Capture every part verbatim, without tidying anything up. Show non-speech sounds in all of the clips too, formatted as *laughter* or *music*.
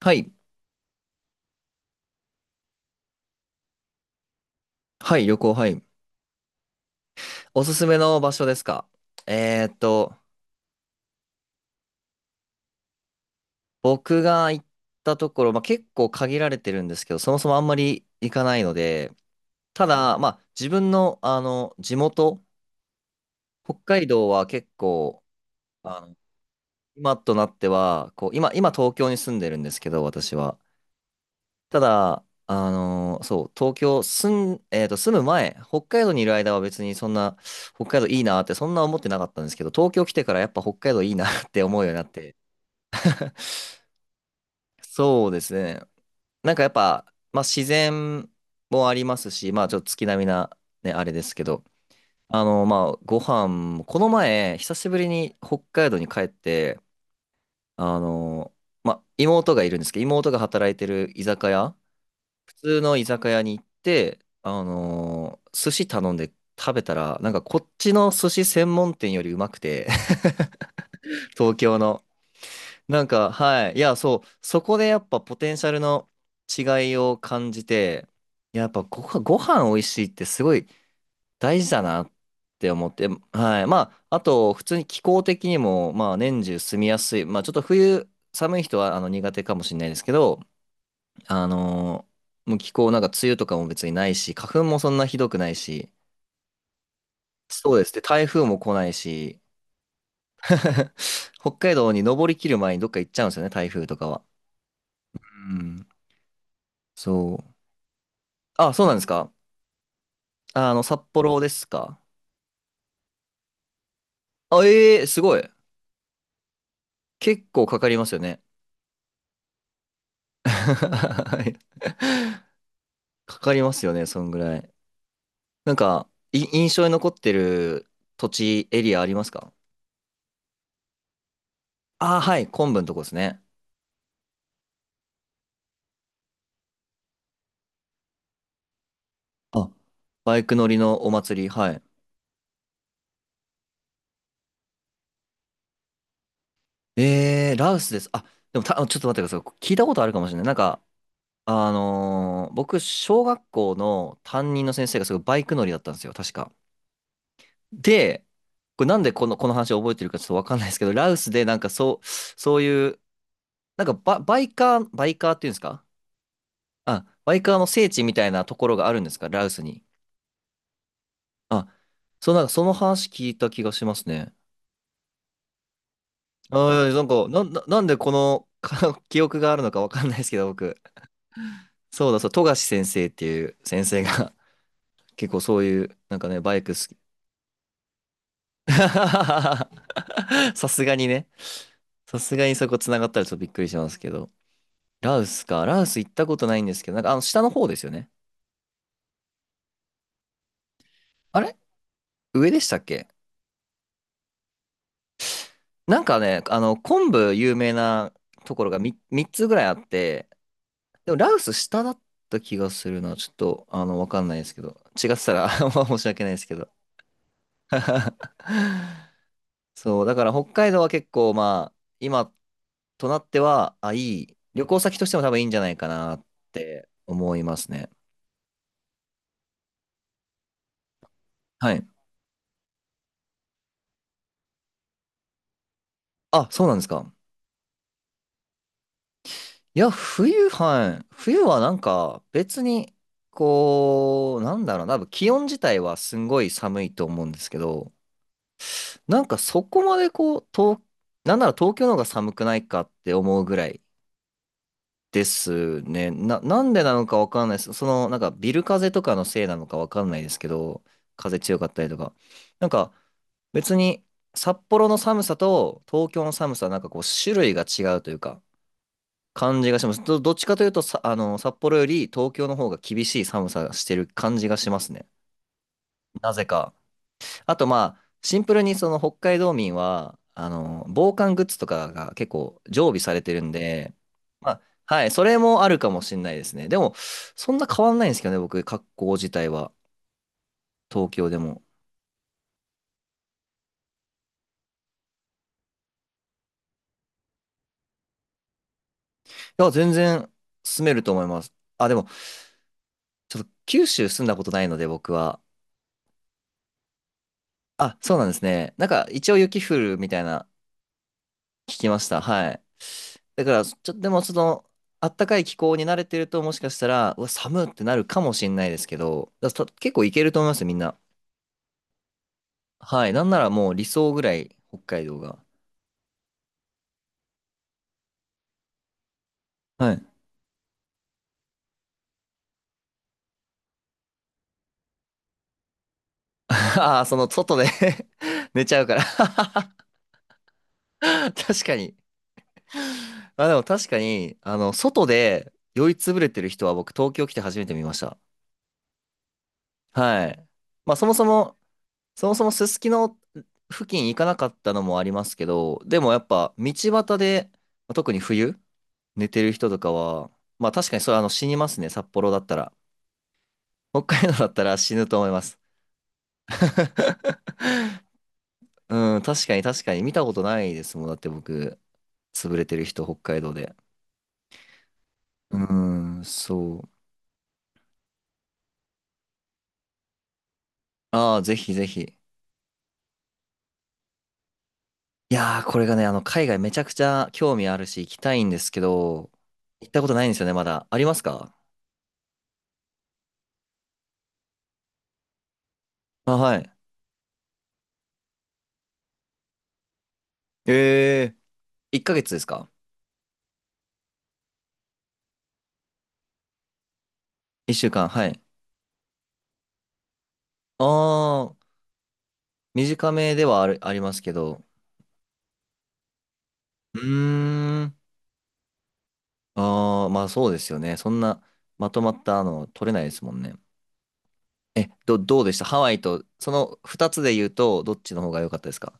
はい。はい、旅行、はい。おすすめの場所ですか？えーっと、僕が行ったところ、まあ、結構限られてるんですけど、そもそもあんまり行かないので、ただ、まあ、自分の、あの、地元、北海道は結構、あの、今となっては、こう、今、今東京に住んでるんですけど、私は。ただ、あの、そう、東京住ん、えーっと、住む前、北海道にいる間は別にそんな、北海道いいなってそんな思ってなかったんですけど、東京来てからやっぱ北海道いいなって思うようになって、そうですね。なんかやっぱ、まあ自然もありますし、まあちょっと月並みなね、あれですけど、あの、まあご飯も、この前、久しぶりに北海道に帰って、あの、まあ妹がいるんですけど、妹が働いてる居酒屋、普通の居酒屋に行って、あの、寿司頼んで食べたら、なんかこっちの寿司専門店よりうまくて、*laughs* 東京の。なんか、はい。いや、そう。そこでやっぱポテンシャルの違いを感じて、やっぱご飯、ご飯美味しいってすごい大事だなって思って、はい。まあ、あと、普通に気候的にも、まあ、年中住みやすい。まあ、ちょっと冬、寒い人はあの苦手かもしれないですけど、あのーもう気候なんか梅雨とかも別にないし、花粉もそんなひどくないし、そうですね。台風も来ないし、*laughs* 北海道に登りきる前にどっか行っちゃうんですよね、台風とかは。うん。そう。あ、そうなんですか？あの、札幌ですか？あ、ええすごい。結構かかりますよね。*laughs* はい。かかりますよね、そんぐらい。なんか、い印象に残ってる土地、エリアありますか？ああ、はい、昆布のとこですね。あ、バイク乗りのお祭り、はい。えー、ラウスです。あ、でもた、ちょっと待ってください。聞いたことあるかもしれない。なんか、あのー僕、小学校の担任の先生がすごいバイク乗りだったんですよ、確か。で、これなんでこの、この話を覚えてるかちょっとわかんないですけど、ラオスでなんかそう、そういう、なんかバ、バイカー、バイカーっていうんですか？あ、バイカーの聖地みたいなところがあるんですか？ラオスに。あ、そう、なんかその話聞いた気がしますね。ああなんか、な、ななんでこのか *laughs* 記憶があるのかわかんないですけど、僕。そうだ、そう、富樫先生っていう先生が *laughs* 結構そういう、なんかね、バイク好き。*laughs* さすがにね。さすがにそこ繋がったらちょっとびっくりしますけど。ラウスか。ラウス行ったことないんですけど、なんかあの下の方ですよね。あれ上でしたっけ？なんかね、あの、昆布有名なところが さん 三つぐらいあって、でもラウス下だった気がするな。ちょっと、あの、わかんないですけど。違ってたら *laughs* 申し訳ないですけど。*laughs* そう、だから北海道は結構まあ、今となっては、あ、いい。旅行先としても多分いいんじゃないかなって思いますね。はい。あ、そうなんですか。いや、冬はい、冬はなんか別に、こう、なんだろうな、多分気温自体はすんごい寒いと思うんですけど、なんかそこまでこう、東、なんなら東京の方が寒くないかって思うぐらいですね。な、なんでなのかわかんないです。その、なんかビル風とかのせいなのかわかんないですけど、風強かったりとか。なんか別に札幌の寒さと東京の寒さはなんかこう種類が違うというか、感じがします。ど、どっちかというとさ、あの、札幌より東京の方が厳しい寒さがしてる感じがしますね。なぜか。あと、まあ、シンプルにその北海道民は、あの、防寒グッズとかが結構常備されてるんで、まあ、はい、それもあるかもしれないですね。でも、そんな変わんないんですけどね、僕、格好自体は、東京でも。いや、全然住めると思います。あ、でも、ちょっと九州住んだことないので、僕は。あ、そうなんですね。なんか、一応雪降るみたいな聞きました。はい。だから、ちょっとでも、その、あったかい気候に慣れてると、もしかしたら、うわ、寒ってなるかもしれないですけど、だた結構いけると思いますよ、みんな。はい。なんならもう理想ぐらい、北海道が。はい。*laughs* ああ、その、外で *laughs* 寝ちゃうから *laughs* 確かに。あ、でも確かに、あの、外で酔いつぶれてる人は僕、東京来て初めて見ました。はい。まあ、そもそも、そもそもすすきの付近行かなかったのもありますけど、でもやっぱ道端で、まあ特に冬、寝てる人とかは、まあ確かにそれあの死にますね、札幌だったら。北海道だったら死ぬと思います。*laughs* うん、確かに確かに見たことないですもん。だって僕、潰れてる人、北海道で。うーん、そう。ああ、ぜひぜひ。いやー、これがね、あの、海外めちゃくちゃ興味あるし、行きたいんですけど、行ったことないんですよね、まだ。ありますか？あ、はい。ええー。いっかげつですか？いっしゅうかん、はい。ああ、短めではある、ありますけど。うーん。ああ、まあそうですよね。そんなまとまったの取れないですもんね。え、ど、どうでしたハワイと、その二つで言うと、どっちの方が良かったですか？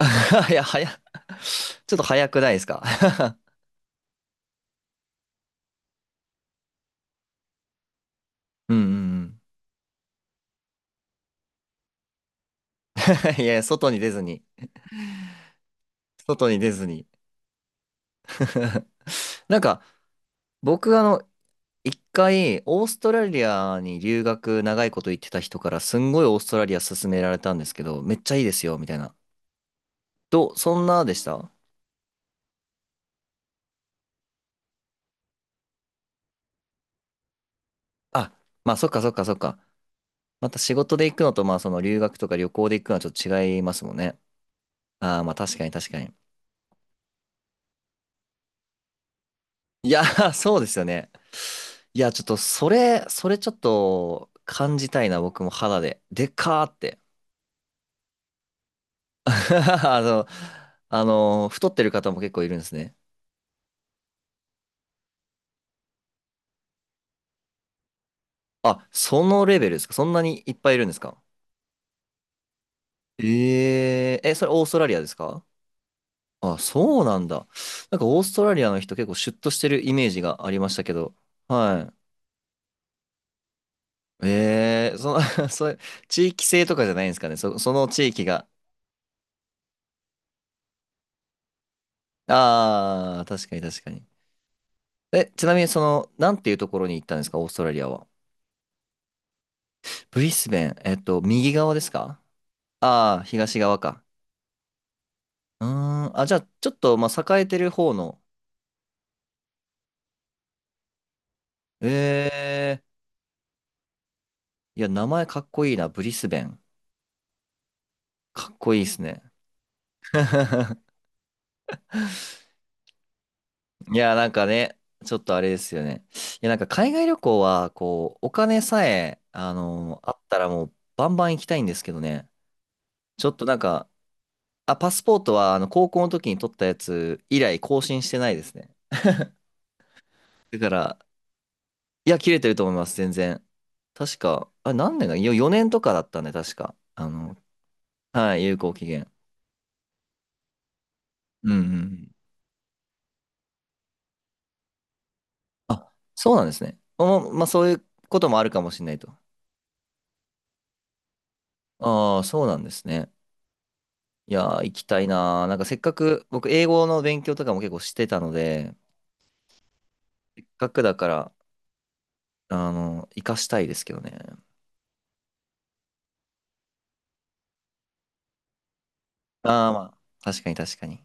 *laughs* いや、早っ、ちょっと早くないですか？ *laughs* うんうんうん。*laughs* いや、外に出ずに。外に出ずに。*laughs* なんか、僕あの、一回、オーストラリアに留学長いこと言ってた人から、すんごいオーストラリア勧められたんですけど、めっちゃいいですよ、みたいな。どう、そんなでした？あ、まあ、そっかそっかそっか。また仕事で行くのと、まあ、その留学とか旅行で行くのはちょっと違いますもんね。ああ、まあ、確かに確かに。いやー、*laughs* そうですよね。いや、ちょっと、それ、それちょっと、感じたいな、僕も肌で。でかーって。*laughs* あの、あの、太ってる方も結構いるんですね。あ、そのレベルですか？そんなにいっぱいいるんですか？えええ、それオーストラリアですか？あ、そうなんだ。なんかオーストラリアの人結構シュッとしてるイメージがありましたけど。はい。ええその *laughs*、それ、地域性とかじゃないんですかね。そ、その地域が。ああ、確かに確かに。え、ちなみにその、なんていうところに行ったんですか、オーストラリアは。ブリスベン、えっと、右側ですか？ああー、東側か。うーん、あ、じゃあ、ちょっと、まあ、栄えてる方の。ええいや、名前かっこいいな、ブリスベン。かっこいいですね。*laughs* いや、なんかね、ちょっとあれですよね。いや、なんか海外旅行は、こう、お金さえ、あのあったらもう、バンバン行きたいんですけどね。ちょっとなんか、あ、パスポートは、あの、高校の時に取ったやつ以来更新してないですね。だから、いや、切れてると思います、全然。確か、あれ、何年か、よよねんとかだったんで、確か。あの、はい、有効期限。うんうんうん。あ、そうなんですね。おまあ、そういうこともあるかもしれないと。ああ、そうなんですね。いやー、行きたいなー。なんかせっかく、僕、英語の勉強とかも結構してたので、せっかくだから、あの、活かしたいですけどね。ああ、まあ、確かに確かに。